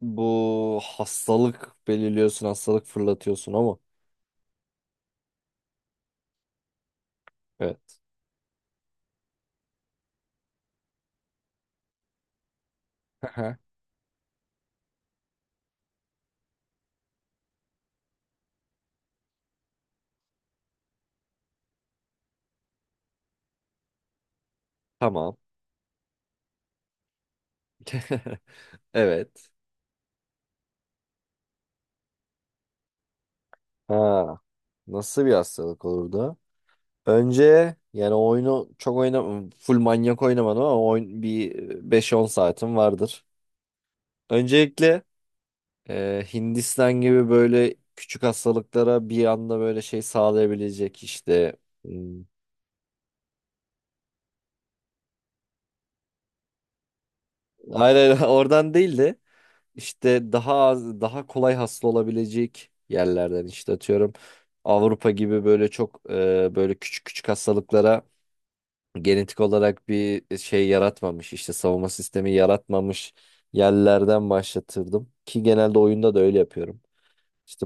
Bu hastalık belirliyorsun, hastalık fırlatıyorsun ama. Evet. Aha, Tamam. Evet. Ha, nasıl bir hastalık olurdu? Önce yani oyunu çok oynam full manyak oynamadım ama oyun bir beş on saatim vardır. Öncelikle e, Hindistan gibi böyle küçük hastalıklara bir anda böyle şey sağlayabilecek işte. Hmm, Hayır hayır oradan değildi. işte daha az, daha kolay hasta olabilecek yerlerden işte atıyorum Avrupa gibi böyle çok e, böyle küçük küçük hastalıklara genetik olarak bir şey yaratmamış işte savunma sistemi yaratmamış yerlerden başlatırdım ki genelde oyunda da öyle yapıyorum. İşte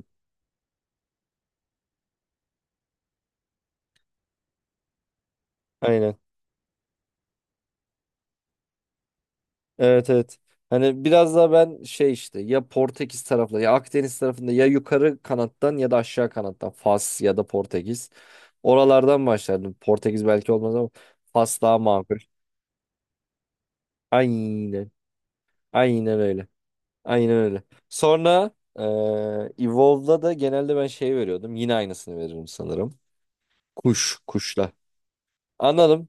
aynen. Evet evet. Hani biraz daha ben şey işte ya Portekiz tarafında ya Akdeniz tarafında ya yukarı kanattan ya da aşağı kanattan Fas ya da Portekiz. Oralardan başlardım. Portekiz belki olmaz ama Fas daha makul. Aynen. Aynen öyle. Aynen öyle. Sonra eee Evolve'da da genelde ben şey veriyordum. Yine aynısını veririm sanırım. Kuş. Kuşla. Anladım.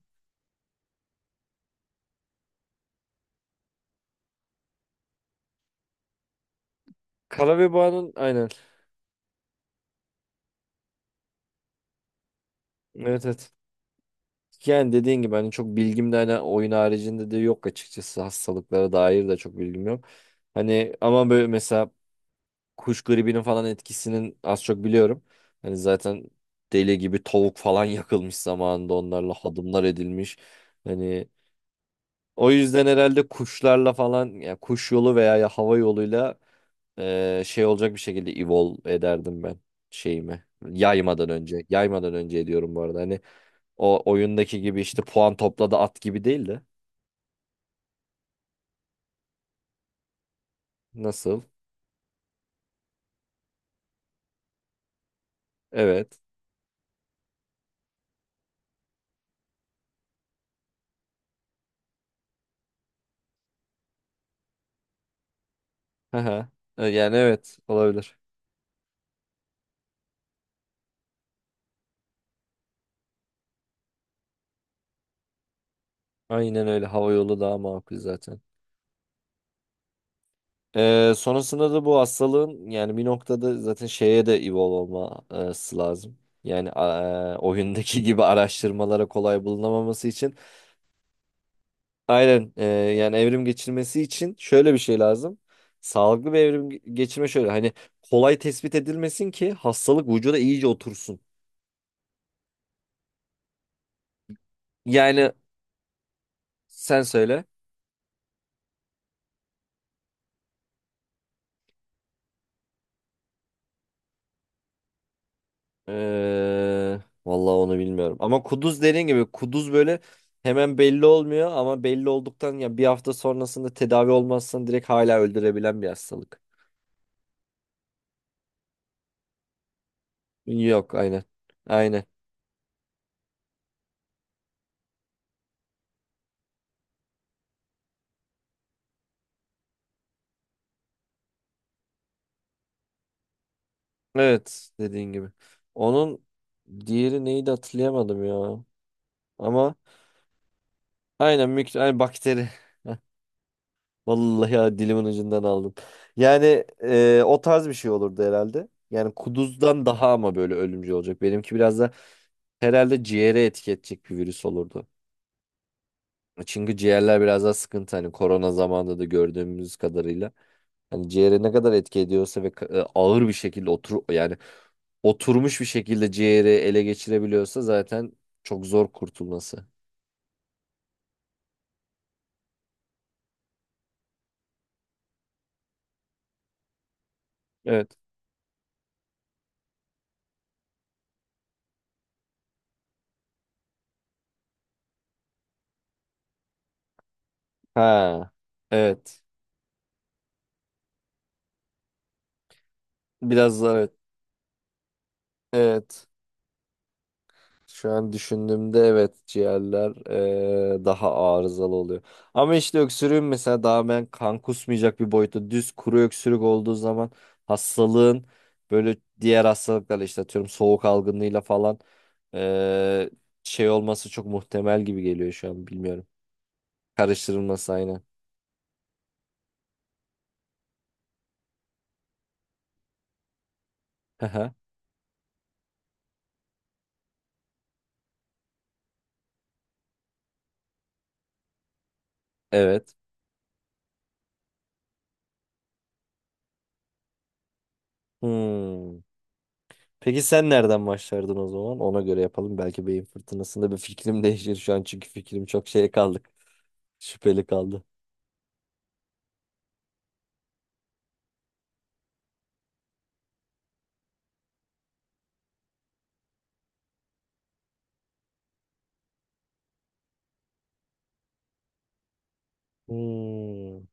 Kara ve Boğa'nın aynen. Evet evet. Yani dediğin gibi hani çok bilgim de hani oyun haricinde de yok açıkçası hastalıklara dair de çok bilgim yok. Hani ama böyle mesela kuş gribinin falan etkisinin az çok biliyorum. Hani zaten deli gibi tavuk falan yakılmış zamanında onlarla hadımlar edilmiş. Hani o yüzden herhalde kuşlarla falan ya kuş yolu veya ya hava yoluyla eee, şey olacak bir şekilde evolve ederdim ben şeyimi. Yaymadan önce. Yaymadan önce ediyorum bu arada. Hani o oyundaki gibi işte puan topladı at gibi değil de. Nasıl? Evet. Haha. Yani evet olabilir. Aynen öyle. Hava yolu daha makul zaten. Ee, sonrasında da bu hastalığın yani bir noktada zaten şeye de evolve olması lazım. Yani e, oyundaki gibi araştırmalara kolay bulunamaması için. Aynen e, yani evrim geçirmesi için şöyle bir şey lazım. Sağlıklı bir evrim ge- geçirme şöyle hani kolay tespit edilmesin ki hastalık vücuda iyice otursun. Yani sen söyle. Ee, vallahi onu bilmiyorum. Ama kuduz dediğin gibi kuduz böyle hemen belli olmuyor ama belli olduktan ya bir hafta sonrasında tedavi olmazsan direkt hala öldürebilen bir hastalık. Yok aynen. Aynen. Evet dediğin gibi. Onun diğeri neydi hatırlayamadım ya. Ama aynen mikro, ay, bakteri. Vallahi ya dilimin ucundan aldım. Yani e, o tarz bir şey olurdu herhalde. Yani kuduzdan daha ama böyle ölümcül olacak. Benimki biraz da herhalde ciğere etki edecek bir virüs olurdu. Çünkü ciğerler biraz daha sıkıntı. Hani korona zamanında da gördüğümüz kadarıyla. Hani ciğere ne kadar etki ediyorsa ve e, ağır bir şekilde otur yani oturmuş bir şekilde ciğeri ele geçirebiliyorsa zaten çok zor kurtulması. Evet. Ha. Evet. Biraz zor. Evet. Evet. Şu an düşündüğümde evet ciğerler eee, daha arızalı oluyor. Ama işte öksürüğün mesela daha ben kan kusmayacak bir boyutta düz kuru öksürük olduğu zaman hastalığın böyle diğer hastalıklarla işte atıyorum soğuk algınlığıyla falan eee, şey olması çok muhtemel gibi geliyor şu an bilmiyorum. Karıştırılması aynı. Evet. Hmm. Peki sen nereden başlardın o zaman? Ona göre yapalım. Belki beyin fırtınasında bir fikrim değişir şu an çünkü fikrim çok şeye kaldı. Şüpheli kaldı. Hmm.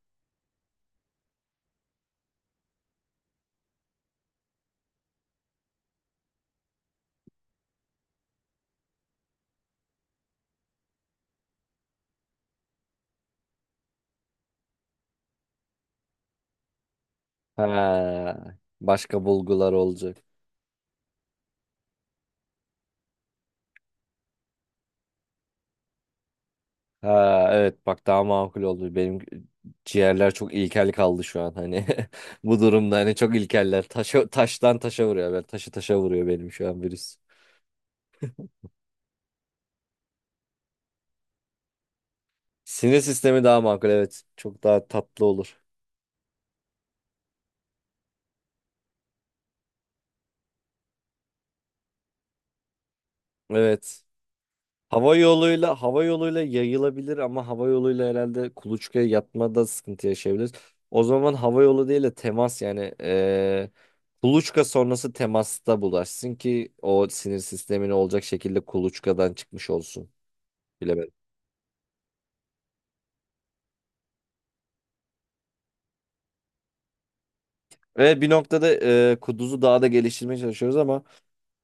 Ha, başka bulgular olacak. Ha, evet bak daha makul oldu. Benim ciğerler çok ilkel kaldı şu an hani. Bu durumda hani çok ilkeller. Taşa, taştan taşa vuruyor. Ben taşı taşa vuruyor benim şu an virüs. Sinir sistemi daha makul evet. Çok daha tatlı olur. Evet. Hava yoluyla hava yoluyla yayılabilir ama hava yoluyla herhalde kuluçkaya yatmada sıkıntı yaşayabiliriz. O zaman hava yolu değil de temas yani eee kuluçka sonrası temasta bulaşsın ki o sinir sistemine olacak şekilde kuluçkadan çıkmış olsun. Bilemedim. Ve bir noktada eee kuduzu daha da geliştirmeye çalışıyoruz ama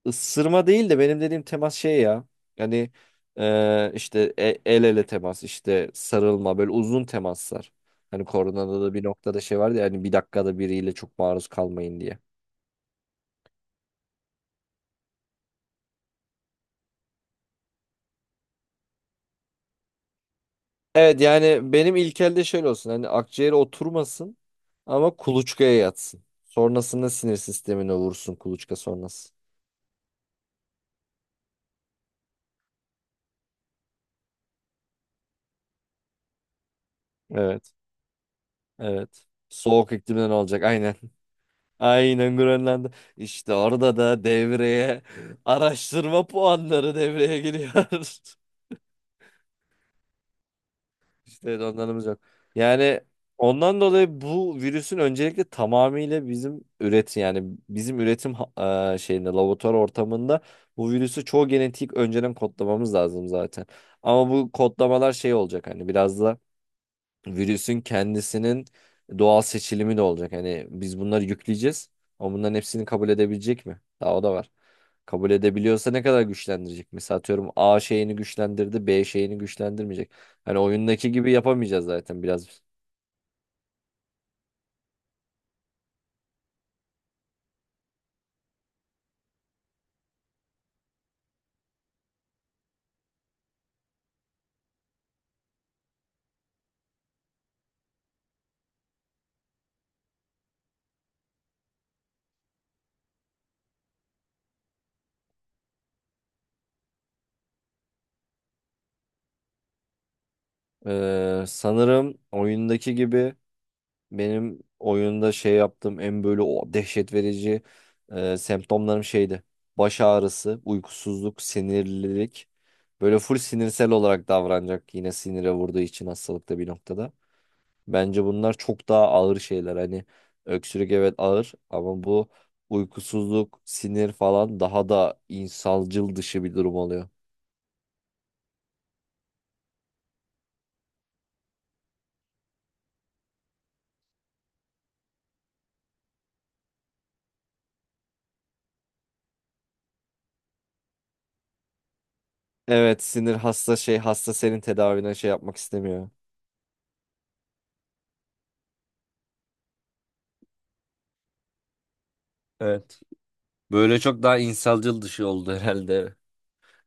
Isırma değil de benim dediğim temas şey ya. Yani e, işte e- el ele temas, işte sarılma, böyle uzun temaslar. Hani koronada da bir noktada şey vardı ya hani bir dakikada biriyle çok maruz kalmayın diye. Evet yani benim ilkelde şöyle olsun. Hani akciğere oturmasın ama kuluçkaya yatsın. Sonrasında sinir sistemine vursun kuluçka sonrası. Evet. Evet. Soğuk iklimden olacak. Aynen. Aynen Grönland'da. İşte orada da devreye araştırma puanları devreye giriyor. İşte onlarımız yok. Yani ondan dolayı bu virüsün öncelikle tamamıyla bizim üretim yani bizim üretim ha- e, şeyinde laboratuvar ortamında bu virüsü çoğu genetik önceden kodlamamız lazım zaten. Ama bu kodlamalar şey olacak hani biraz da virüsün kendisinin doğal seçilimi de olacak. Hani biz bunları yükleyeceğiz ama bunların hepsini kabul edebilecek mi? Daha o da var. Kabul edebiliyorsa ne kadar güçlendirecek? Mesela atıyorum A şeyini güçlendirdi, B şeyini güçlendirmeyecek. Hani oyundaki gibi yapamayacağız zaten biraz. Ee, sanırım oyundaki gibi Benim oyunda şey yaptığım en böyle o dehşet verici e, semptomlarım şeydi. Baş ağrısı, uykusuzluk, sinirlilik. Böyle full sinirsel olarak davranacak yine sinire vurduğu için hastalıkta bir noktada. Bence bunlar çok daha ağır şeyler. Hani öksürük evet ağır ama bu uykusuzluk, sinir falan daha da insancıl dışı bir durum oluyor. Evet sinir hasta şey hasta senin tedavine şey yapmak istemiyor. Evet. Böyle çok daha insancıl dışı oldu herhalde.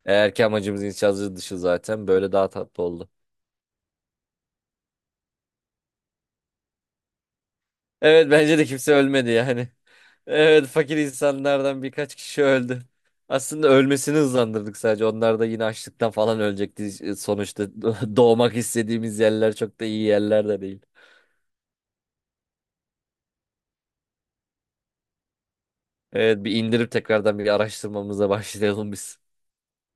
Eğer ki amacımız inşaatçı dışı zaten böyle daha tatlı oldu. Evet bence de kimse ölmedi yani. Evet fakir insanlardan birkaç kişi öldü. Aslında ölmesini hızlandırdık sadece. Onlar da yine açlıktan falan ölecekti. İşte Sonuçta doğmak istediğimiz yerler çok da iyi yerler de değil. Evet bir indirip tekrardan bir araştırmamıza başlayalım biz.